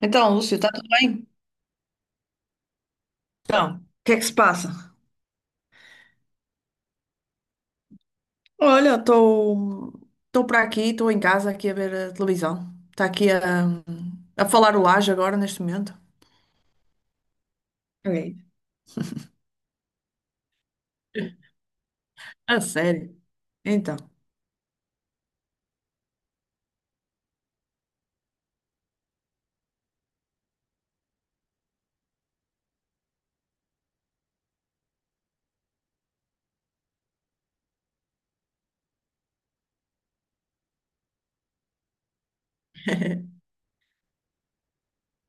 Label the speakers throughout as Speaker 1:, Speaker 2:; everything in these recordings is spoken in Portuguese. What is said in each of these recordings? Speaker 1: Então, Lúcio, está tudo bem? Então, o que é que se passa? Olha, estou para aqui, estou em casa aqui a ver a televisão. Está aqui a falar o Laje agora neste momento. É. A sério? Então,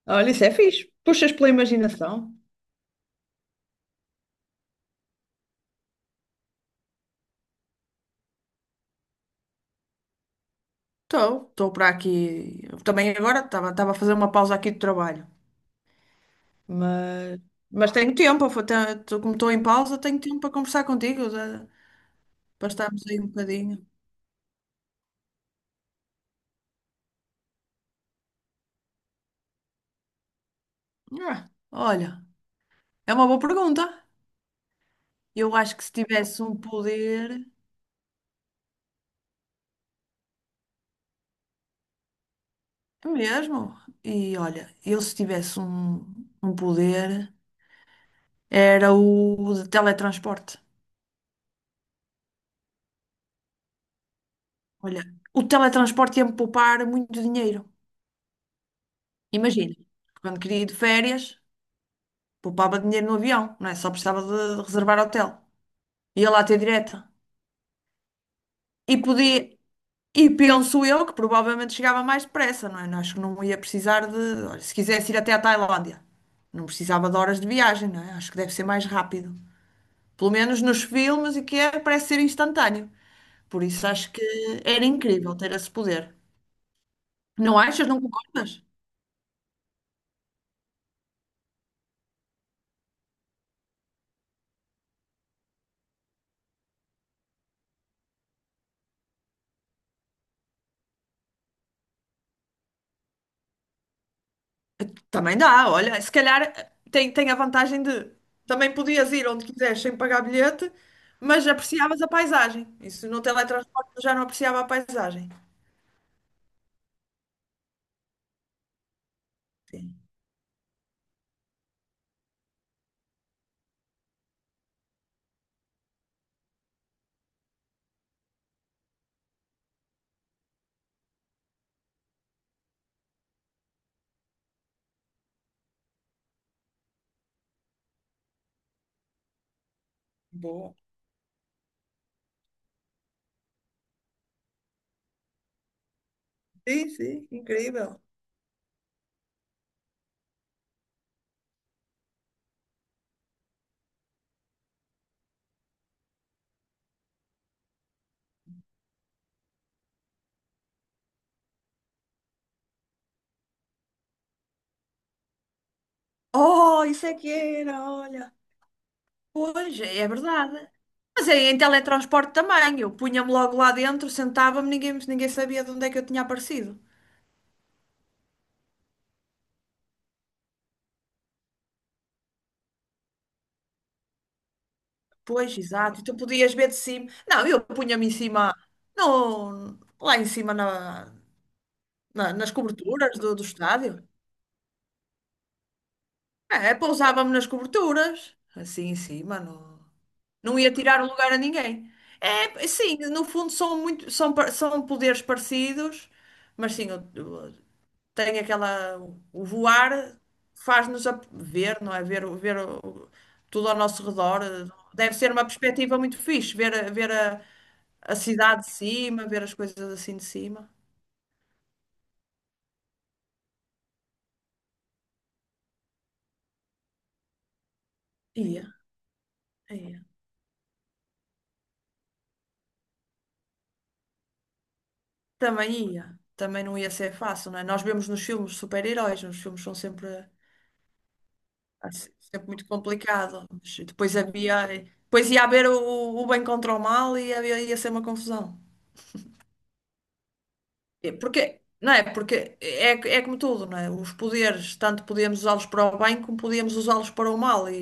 Speaker 1: olha, isso é fixe. Puxas pela imaginação. Estou para aqui. Também agora estava a fazer uma pausa aqui de trabalho, mas mas tenho tempo. Como estou em pausa, tenho tempo para conversar contigo, para estarmos aí um bocadinho. Ah, olha, é uma boa pergunta. Eu acho que se tivesse um poder, é mesmo, e olha, eu se tivesse um poder, era o de teletransporte. Olha, o teletransporte ia-me poupar muito dinheiro. Imagina, quando queria ir de férias, poupava dinheiro no avião, não é? Só precisava de reservar hotel. Ia lá ter direta. E podia, e penso eu que provavelmente chegava mais depressa, não é? Acho que não ia precisar de. Olha, se quisesse ir até à Tailândia, não precisava de horas de viagem, não é? Acho que deve ser mais rápido. Pelo menos nos filmes e que é, parece ser instantâneo. Por isso acho que era incrível ter esse poder. Não achas? Não concordas? Também dá, olha, se calhar tem, tem a vantagem de também podias ir onde quiseres sem pagar bilhete, mas apreciavas a paisagem. Isso no teletransporte eu já não apreciava a paisagem. Sim, boa. Sim, sim, incrível. Oh, isso é que era, olha. Pois, é é verdade. Mas é em teletransporte também. Eu punha-me logo lá dentro, sentava-me, ninguém sabia de onde é que eu tinha aparecido. Pois, exato. E tu podias ver de cima. Não, eu punha-me em cima, no, lá em cima na, nas coberturas do estádio. É, é, pousava-me nas coberturas, assim em cima. Não, não ia tirar o lugar a ninguém. É, sim, no fundo são muito, são, são poderes parecidos, mas sim, tem aquela. O voar faz-nos a ver, não é? Tudo ao nosso redor. Deve ser uma perspectiva muito fixe, ver a cidade de cima, ver as coisas assim de cima. Ia, ia. Também ia. Também não ia ser fácil, não é? Nós vemos nos filmes super-heróis, os filmes são sempre, assim, sempre muito complicados. Depois havia. Depois ia haver o bem contra o mal e havia, ia ser uma confusão. É. Porque, não é? Porque é, é como tudo, não é? Os poderes, tanto podíamos usá-los para o bem como podíamos usá-los para o mal. E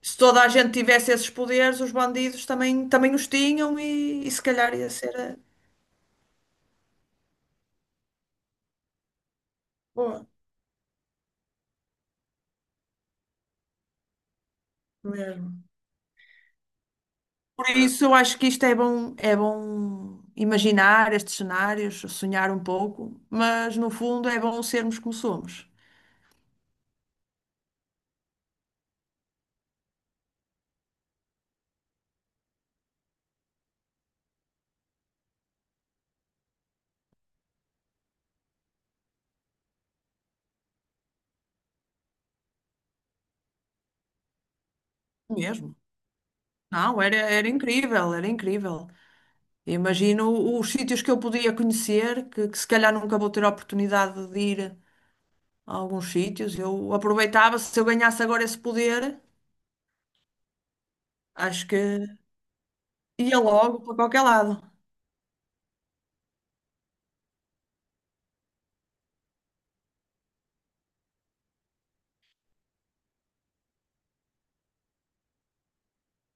Speaker 1: se toda a gente tivesse esses poderes, os bandidos também, também os tinham e se calhar ia ser boa mesmo. Por isso, eu acho que isto é bom imaginar estes cenários, sonhar um pouco, mas no fundo é bom sermos como somos. Mesmo. Não, era, era incrível, era incrível. Imagino os sítios que eu podia conhecer, que se calhar nunca vou ter a oportunidade de ir a alguns sítios. Eu aproveitava, se eu ganhasse agora esse poder, acho que ia logo para qualquer lado.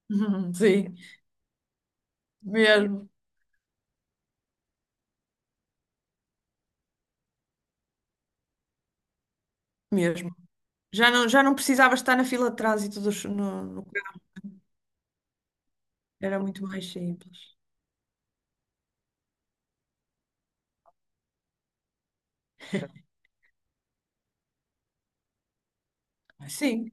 Speaker 1: Sim, mesmo, mesmo. Já não precisava estar na fila de trânsito dos, no, no carro, era muito mais simples. Sim,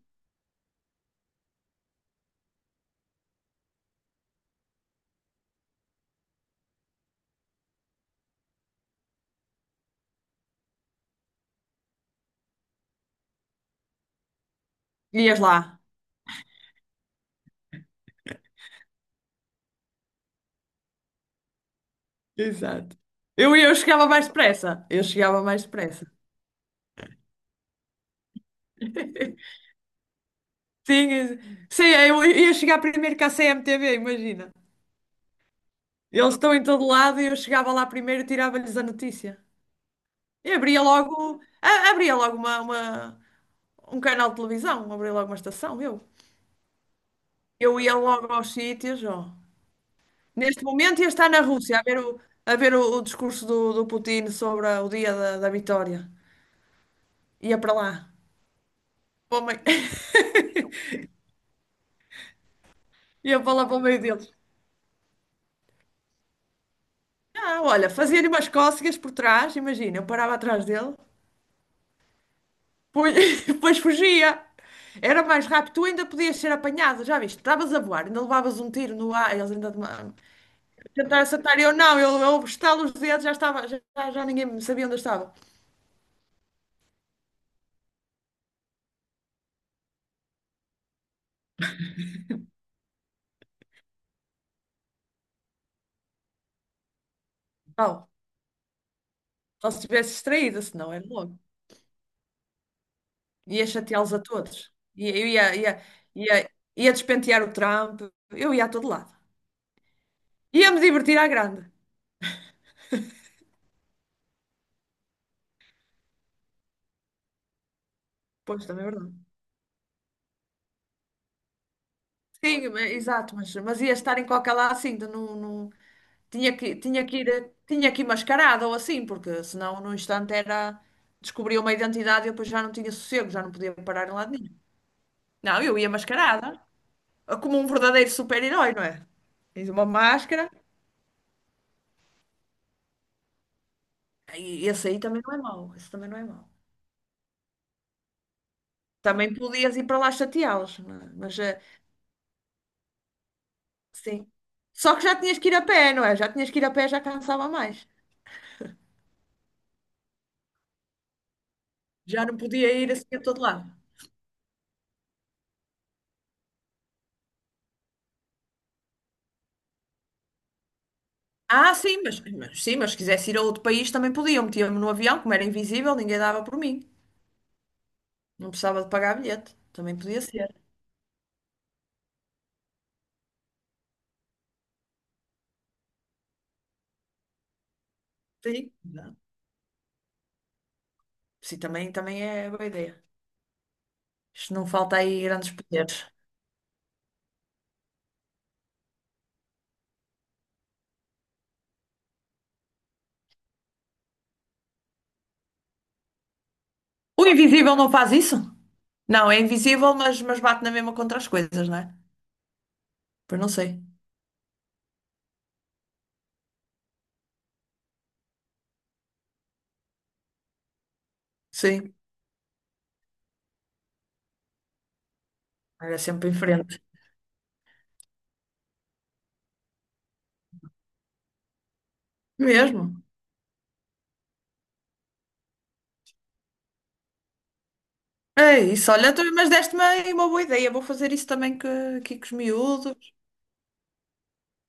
Speaker 1: ias lá. Exato. Eu chegava mais depressa. Eu chegava mais depressa. Sim, sei, eu ia chegar primeiro que a CMTV, imagina. Eles estão em todo lado e eu chegava lá primeiro e tirava-lhes a notícia. E abria logo, abria logo um canal de televisão, abria logo uma estação, eu. Eu ia logo aos sítios, ó. Neste momento ia estar na Rússia a ver o discurso do Putin sobre o dia da, da vitória. Ia para lá. Para o meio- Ia para lá para o meio deles. Ah, olha, fazia-lhe umas cócegas por trás, imagina, eu parava atrás dele. Pois, pois fugia. Era mais rápido. Tu ainda podias ser apanhado, já viste? Estavas a voar, ainda levavas um tiro no ar. Eles ainda te tentaram acertar. Eu não, eu estalo os dedos, já estava, já, já já ninguém me sabia onde eu estava. Não, só se tivesse distraída, senão era logo. Ia chateá-los a todos. Ia, eu ia, ia despentear o Trump. Eu ia a todo lado. Ia-me divertir à grande. Pois, também é verdade. Sim, exato, mas ia estar em qualquer lado assim, de não, tinha que, tinha que ir mascarada ou assim, porque senão num instante era, descobria uma identidade e eu depois já não tinha sossego, já não podia parar em lado nenhum. Não, eu ia mascarada, como um verdadeiro super-herói, não é? Tens uma máscara, e esse aí também não é mau, esse também não é mau. Também podias ir para lá chateá-los, não é? Mas sim. Só que já tinhas que ir a pé, não é? Já tinhas que ir a pé, já cansava mais. Já não podia ir assim a todo lado. Ah, sim, sim, mas se quisesse ir a outro país também podia. Eu metia-me no avião, como era invisível, ninguém dava por mim. Não precisava de pagar bilhete. Também podia ser. Sim. Não. Sim, também, também é boa ideia. Isto não falta aí grandes poderes. O invisível não faz isso? Não, é invisível, mas bate na mesma contra as coisas, não é? Pois não sei. Sim, era sempre em frente. Mesmo. É isso, olha, mas deste-me aí uma boa ideia. Vou fazer isso também que, aqui com os miúdos.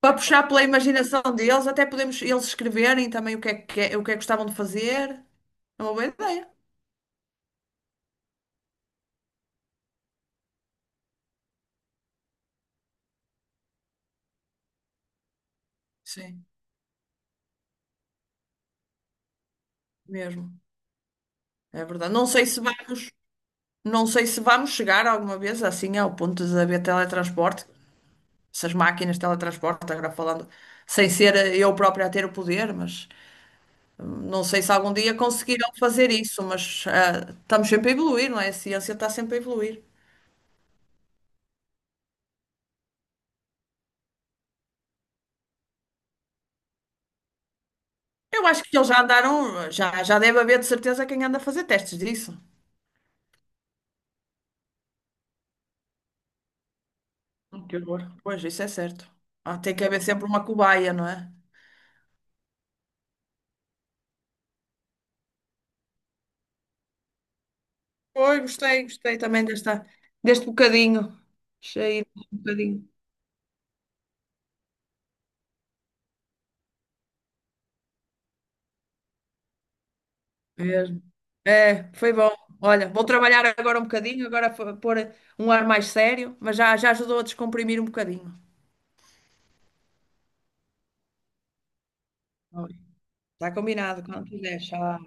Speaker 1: Para puxar pela imaginação deles, até podemos eles escreverem também o que é que, o que é que gostavam de fazer. É uma boa ideia. Sim, mesmo. É verdade. Não sei se vamos chegar alguma vez assim ao ponto de haver teletransporte. Essas máquinas de teletransporte, agora falando, sem ser eu própria a ter o poder, mas não sei se algum dia conseguirão fazer isso, mas estamos sempre a evoluir, não é? A ciência está sempre a evoluir. Eu acho que eles já andaram, já, já deve haver de certeza quem anda a fazer testes disso. Que horror. Pois, isso é certo. Ah, tem que haver sempre uma cobaia, não é? Pois, gostei, gostei também desta, deste bocadinho. Cheio de um bocadinho. Mesmo. É, foi bom. Olha, vou trabalhar agora um bocadinho, agora pôr um ar mais sério, mas já, já ajudou a descomprimir um bocadinho. Ah, está combinado, quando quiser. Tchau.